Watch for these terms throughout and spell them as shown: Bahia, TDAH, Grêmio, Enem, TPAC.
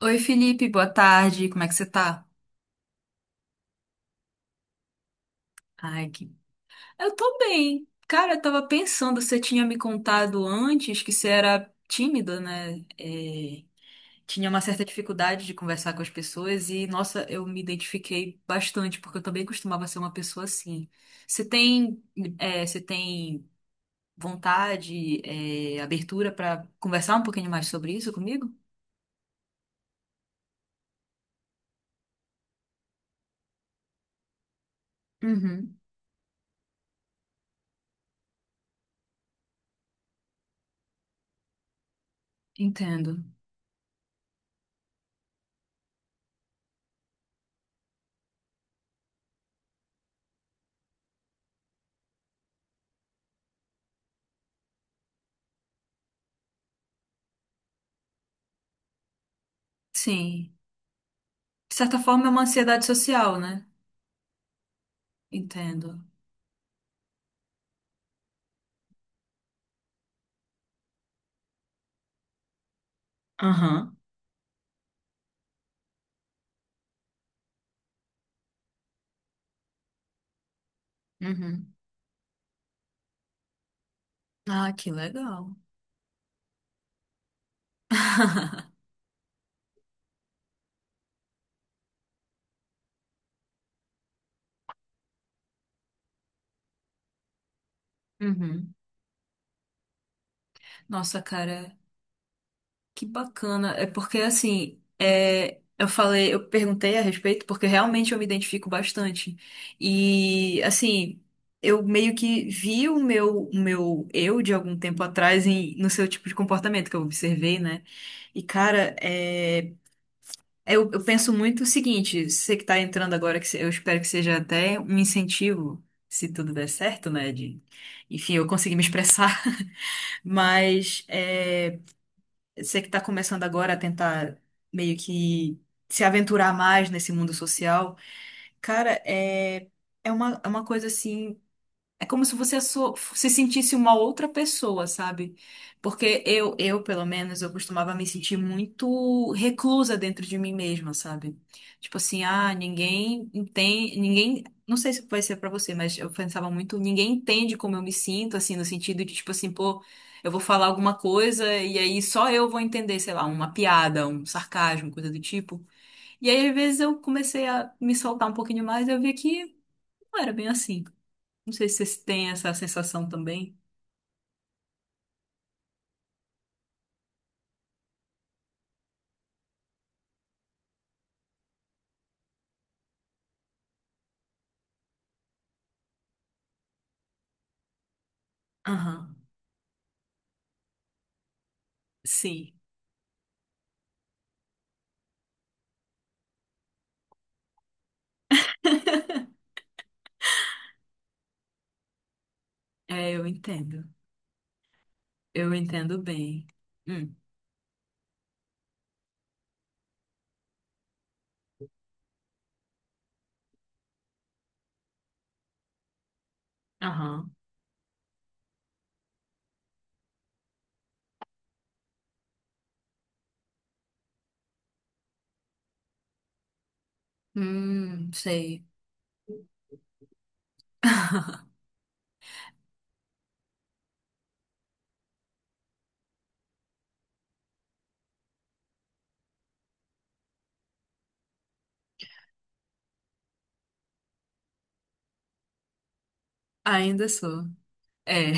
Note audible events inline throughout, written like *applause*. Oi, Felipe, boa tarde. Como é que você tá? Ai, que... Eu tô bem. Cara, eu tava pensando, você tinha me contado antes que você era tímida, né? Tinha uma certa dificuldade de conversar com as pessoas e, nossa, eu me identifiquei bastante, porque eu também costumava ser uma pessoa assim. Você tem, você tem vontade, abertura pra conversar um pouquinho mais sobre isso comigo? Uhum, entendo. Sim. De certa forma, é uma ansiedade social, né? Entendo. Aham. Uhum. Ah, que legal. *laughs* Uhum. Nossa, cara, que bacana. É porque assim, eu falei, eu perguntei a respeito porque realmente eu me identifico bastante. E assim, eu meio que vi o meu eu de algum tempo atrás no seu tipo de comportamento que eu observei, né? E cara, é. Eu penso muito o seguinte, você que está entrando agora, que se- eu espero que seja até um incentivo, se tudo der certo, né? Enfim, eu consegui me expressar, *laughs* mas você que está começando agora a tentar meio que se aventurar mais nesse mundo social, cara, é uma coisa assim. É como se você se sentisse uma outra pessoa, sabe? Porque eu, pelo menos, eu costumava me sentir muito reclusa dentro de mim mesma, sabe? Tipo assim, ah, ninguém entende, ninguém, não sei se vai ser pra você, mas eu pensava muito, ninguém entende como eu me sinto, assim, no sentido de tipo assim, pô, eu vou falar alguma coisa e aí só eu vou entender, sei lá, uma piada, um sarcasmo, coisa do tipo. E aí, às vezes, eu comecei a me soltar um pouquinho mais e eu vi que não era bem assim. Não sei se vocês têm essa sensação também. Aham, sim, eu entendo. Eu entendo bem. Hum, aham. Hum, sei. *laughs* Ainda sou. É.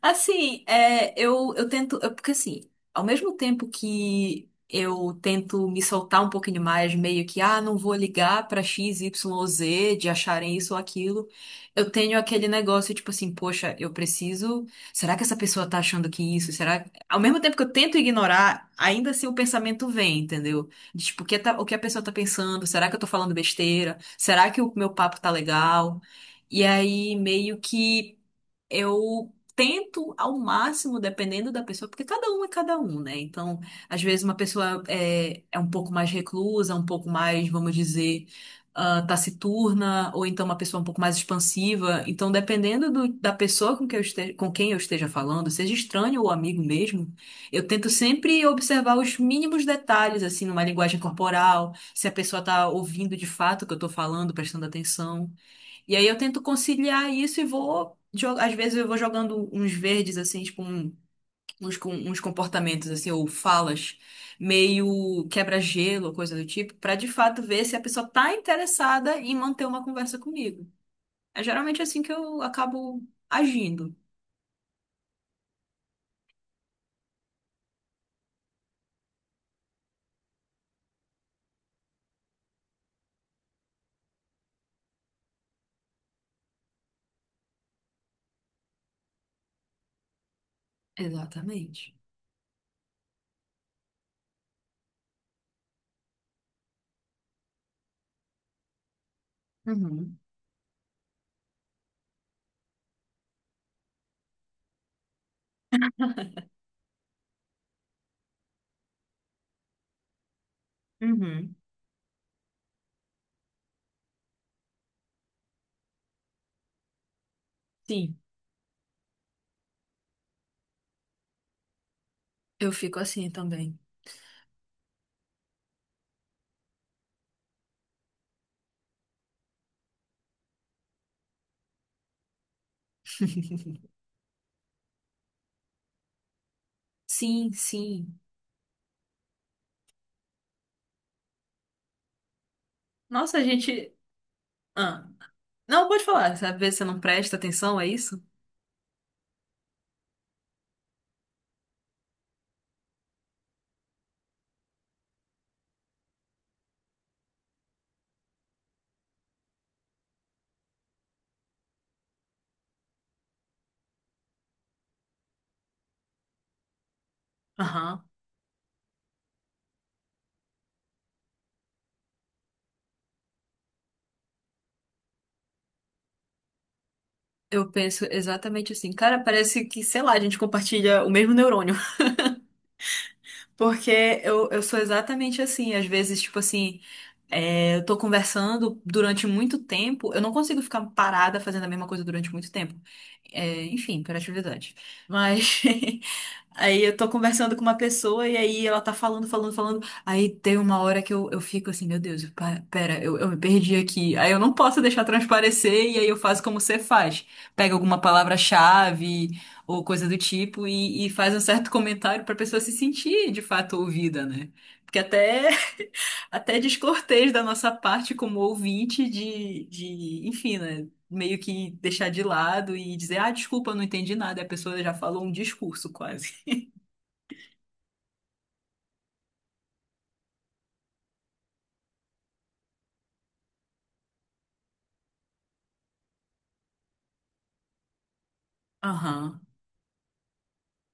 Assim, eu tento. Porque, assim, ao mesmo tempo que eu tento me soltar um pouquinho mais, meio que, ah, não vou ligar pra X, Y ou Z de acharem isso ou aquilo, eu tenho aquele negócio, tipo assim, poxa, eu preciso. Será que essa pessoa tá achando que isso? Será. Ao mesmo tempo que eu tento ignorar, ainda assim o pensamento vem, entendeu? Tipo, o que a pessoa tá pensando? Será que eu tô falando besteira? Será que o meu papo tá legal? E aí, meio que. Eu tento ao máximo, dependendo da pessoa, porque cada um é cada um, né? Então, às vezes uma pessoa é um pouco mais reclusa, um pouco mais, vamos dizer, ah, taciturna, ou então uma pessoa um pouco mais expansiva. Então, dependendo da pessoa com quem eu esteja falando, seja estranho ou amigo mesmo, eu tento sempre observar os mínimos detalhes, assim, numa linguagem corporal, se a pessoa tá ouvindo de fato o que eu tô falando, prestando atenção. E aí eu tento conciliar isso e vou. Às vezes eu vou jogando uns verdes, assim, tipo, uns comportamentos, assim, ou falas, meio quebra-gelo, coisa do tipo, pra de fato ver se a pessoa tá interessada em manter uma conversa comigo. É geralmente assim que eu acabo agindo. Exatamente. Uhum. Uhum. Sim. Eu fico assim também. *laughs* Sim, sim. Nossa, a gente. Ah. Não, pode falar. Sabe, ver se você não presta atenção, é isso? Aham. Eu penso exatamente assim. Cara, parece que, sei lá, a gente compartilha o mesmo neurônio. Porque eu sou exatamente assim. Às vezes, tipo assim, eu tô conversando durante muito tempo, eu não consigo ficar parada fazendo a mesma coisa durante muito tempo. É, enfim, hiperatividade. Mas *laughs* aí eu tô conversando com uma pessoa e aí ela tá falando, falando, falando. Aí tem uma hora que eu fico assim, meu Deus, pera, eu me perdi aqui. Aí eu não posso deixar transparecer e aí eu faço como você faz. Pega alguma palavra-chave ou coisa do tipo, e faz um certo *laughs* comentário para a pessoa se sentir de fato ouvida, né? Porque até, *laughs* até é descortês da nossa parte como ouvinte de, enfim, né? Meio que deixar de lado e dizer, ah, desculpa, eu não entendi nada. E a pessoa já falou um discurso quase. Aham,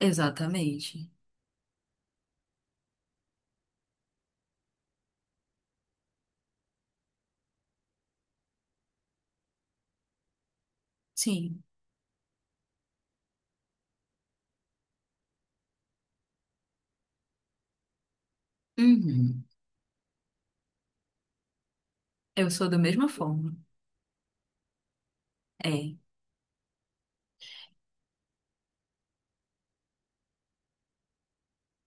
exatamente. Sim. Uhum. Eu sou da mesma forma. É.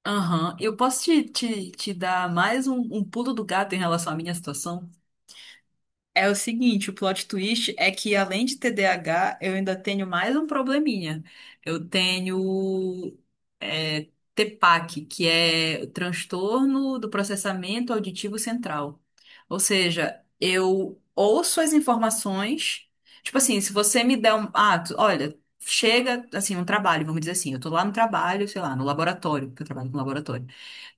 Aham. Eu posso te dar mais um pulo do gato em relação à minha situação? É o seguinte, o plot twist é que além de TDAH, eu ainda tenho mais um probleminha. Eu tenho é, TPAC, que é o transtorno do processamento auditivo central. Ou seja, eu ouço as informações, tipo assim, se você me der um, ah, olha, chega assim um trabalho, vamos dizer assim, eu tô lá no trabalho, sei lá, no laboratório, porque eu trabalho com laboratório.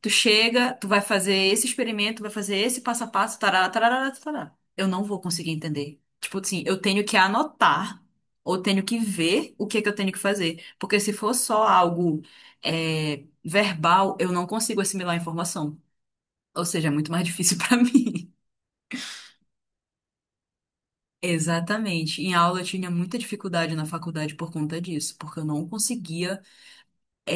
Tu chega, tu vai fazer esse experimento, vai fazer esse passo a passo, tarará, tarará, tarará. Eu não vou conseguir entender. Tipo assim, eu tenho que anotar ou tenho que ver o que é que eu tenho que fazer. Porque se for só algo verbal, eu não consigo assimilar a informação. Ou seja, é muito mais difícil *laughs* pra mim. Exatamente. Em aula eu tinha muita dificuldade na faculdade por conta disso, porque eu não conseguia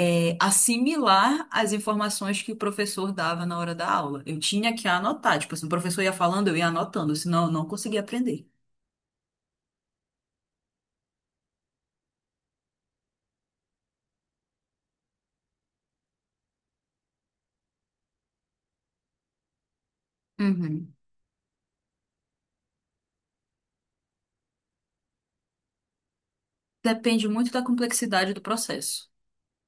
assimilar as informações que o professor dava na hora da aula. Eu tinha que anotar. Tipo, se o professor ia falando, eu ia anotando, senão eu não conseguia aprender. Uhum. Depende muito da complexidade do processo.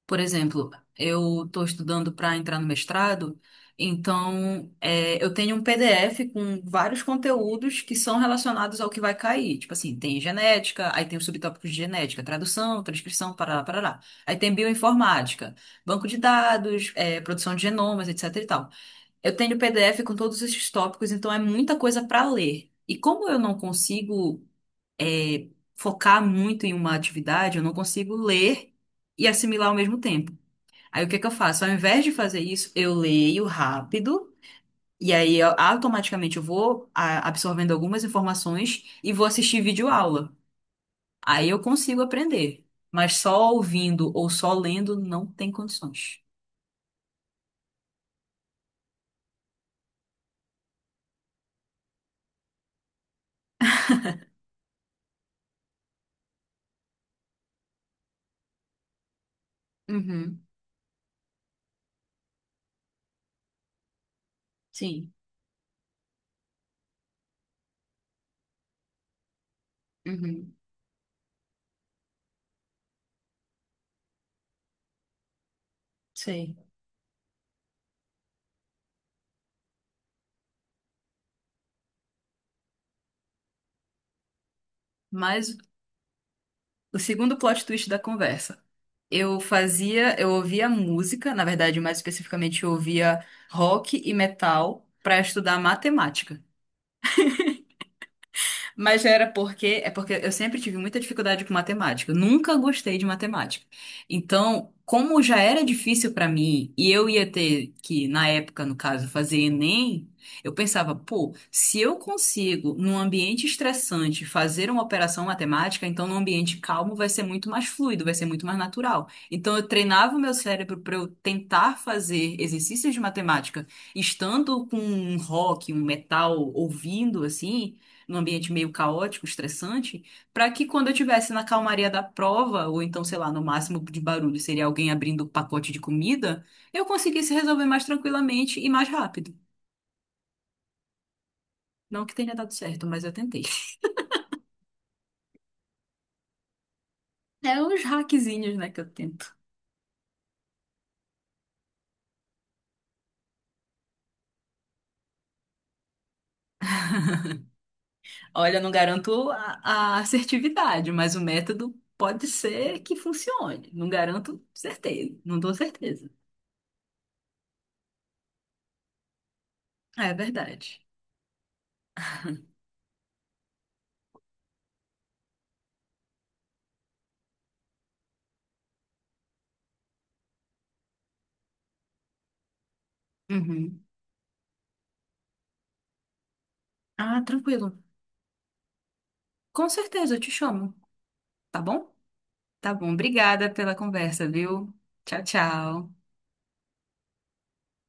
Por exemplo, eu estou estudando para entrar no mestrado, então eu tenho um PDF com vários conteúdos que são relacionados ao que vai cair. Tipo assim, tem genética, aí tem os subtópicos de genética, tradução, transcrição, parará, parará. Aí tem bioinformática, banco de dados, produção de genomas, etc e tal. Eu tenho PDF com todos esses tópicos, então é muita coisa para ler. E como eu não consigo é, focar muito em uma atividade, eu não consigo ler e assimilar ao mesmo tempo. Aí o que é que eu faço? Ao invés de fazer isso, eu leio rápido e aí automaticamente eu vou absorvendo algumas informações e vou assistir videoaula. Aí eu consigo aprender, mas só ouvindo ou só lendo não tem condições. Uhum, sim, uhum, sei. Mas o segundo plot twist da conversa. Eu ouvia música, na verdade, mais especificamente eu ouvia rock e metal para estudar matemática. Mas era porque eu sempre tive muita dificuldade com matemática. Eu nunca gostei de matemática. Então, como já era difícil para mim e eu ia ter que, na época, no caso, fazer Enem, eu pensava, pô, se eu consigo, num ambiente estressante, fazer uma operação matemática, então num ambiente calmo vai ser muito mais fluido, vai ser muito mais natural. Então, eu treinava o meu cérebro para eu tentar fazer exercícios de matemática, estando com um rock, um metal ouvindo assim num ambiente meio caótico, estressante, para que quando eu estivesse na calmaria da prova, ou então, sei lá, no máximo de barulho seria alguém abrindo o pacote de comida, eu conseguisse resolver mais tranquilamente e mais rápido. Não que tenha dado certo, mas eu tentei. *laughs* É uns hackzinhos, né, que eu tento. Olha, não garanto a assertividade, mas o método pode ser que funcione. Não garanto certeza, não dou certeza. É verdade. Uhum. Ah, tranquilo. Com certeza, eu te chamo, tá bom? Tá bom, obrigada pela conversa, viu? Tchau, tchau.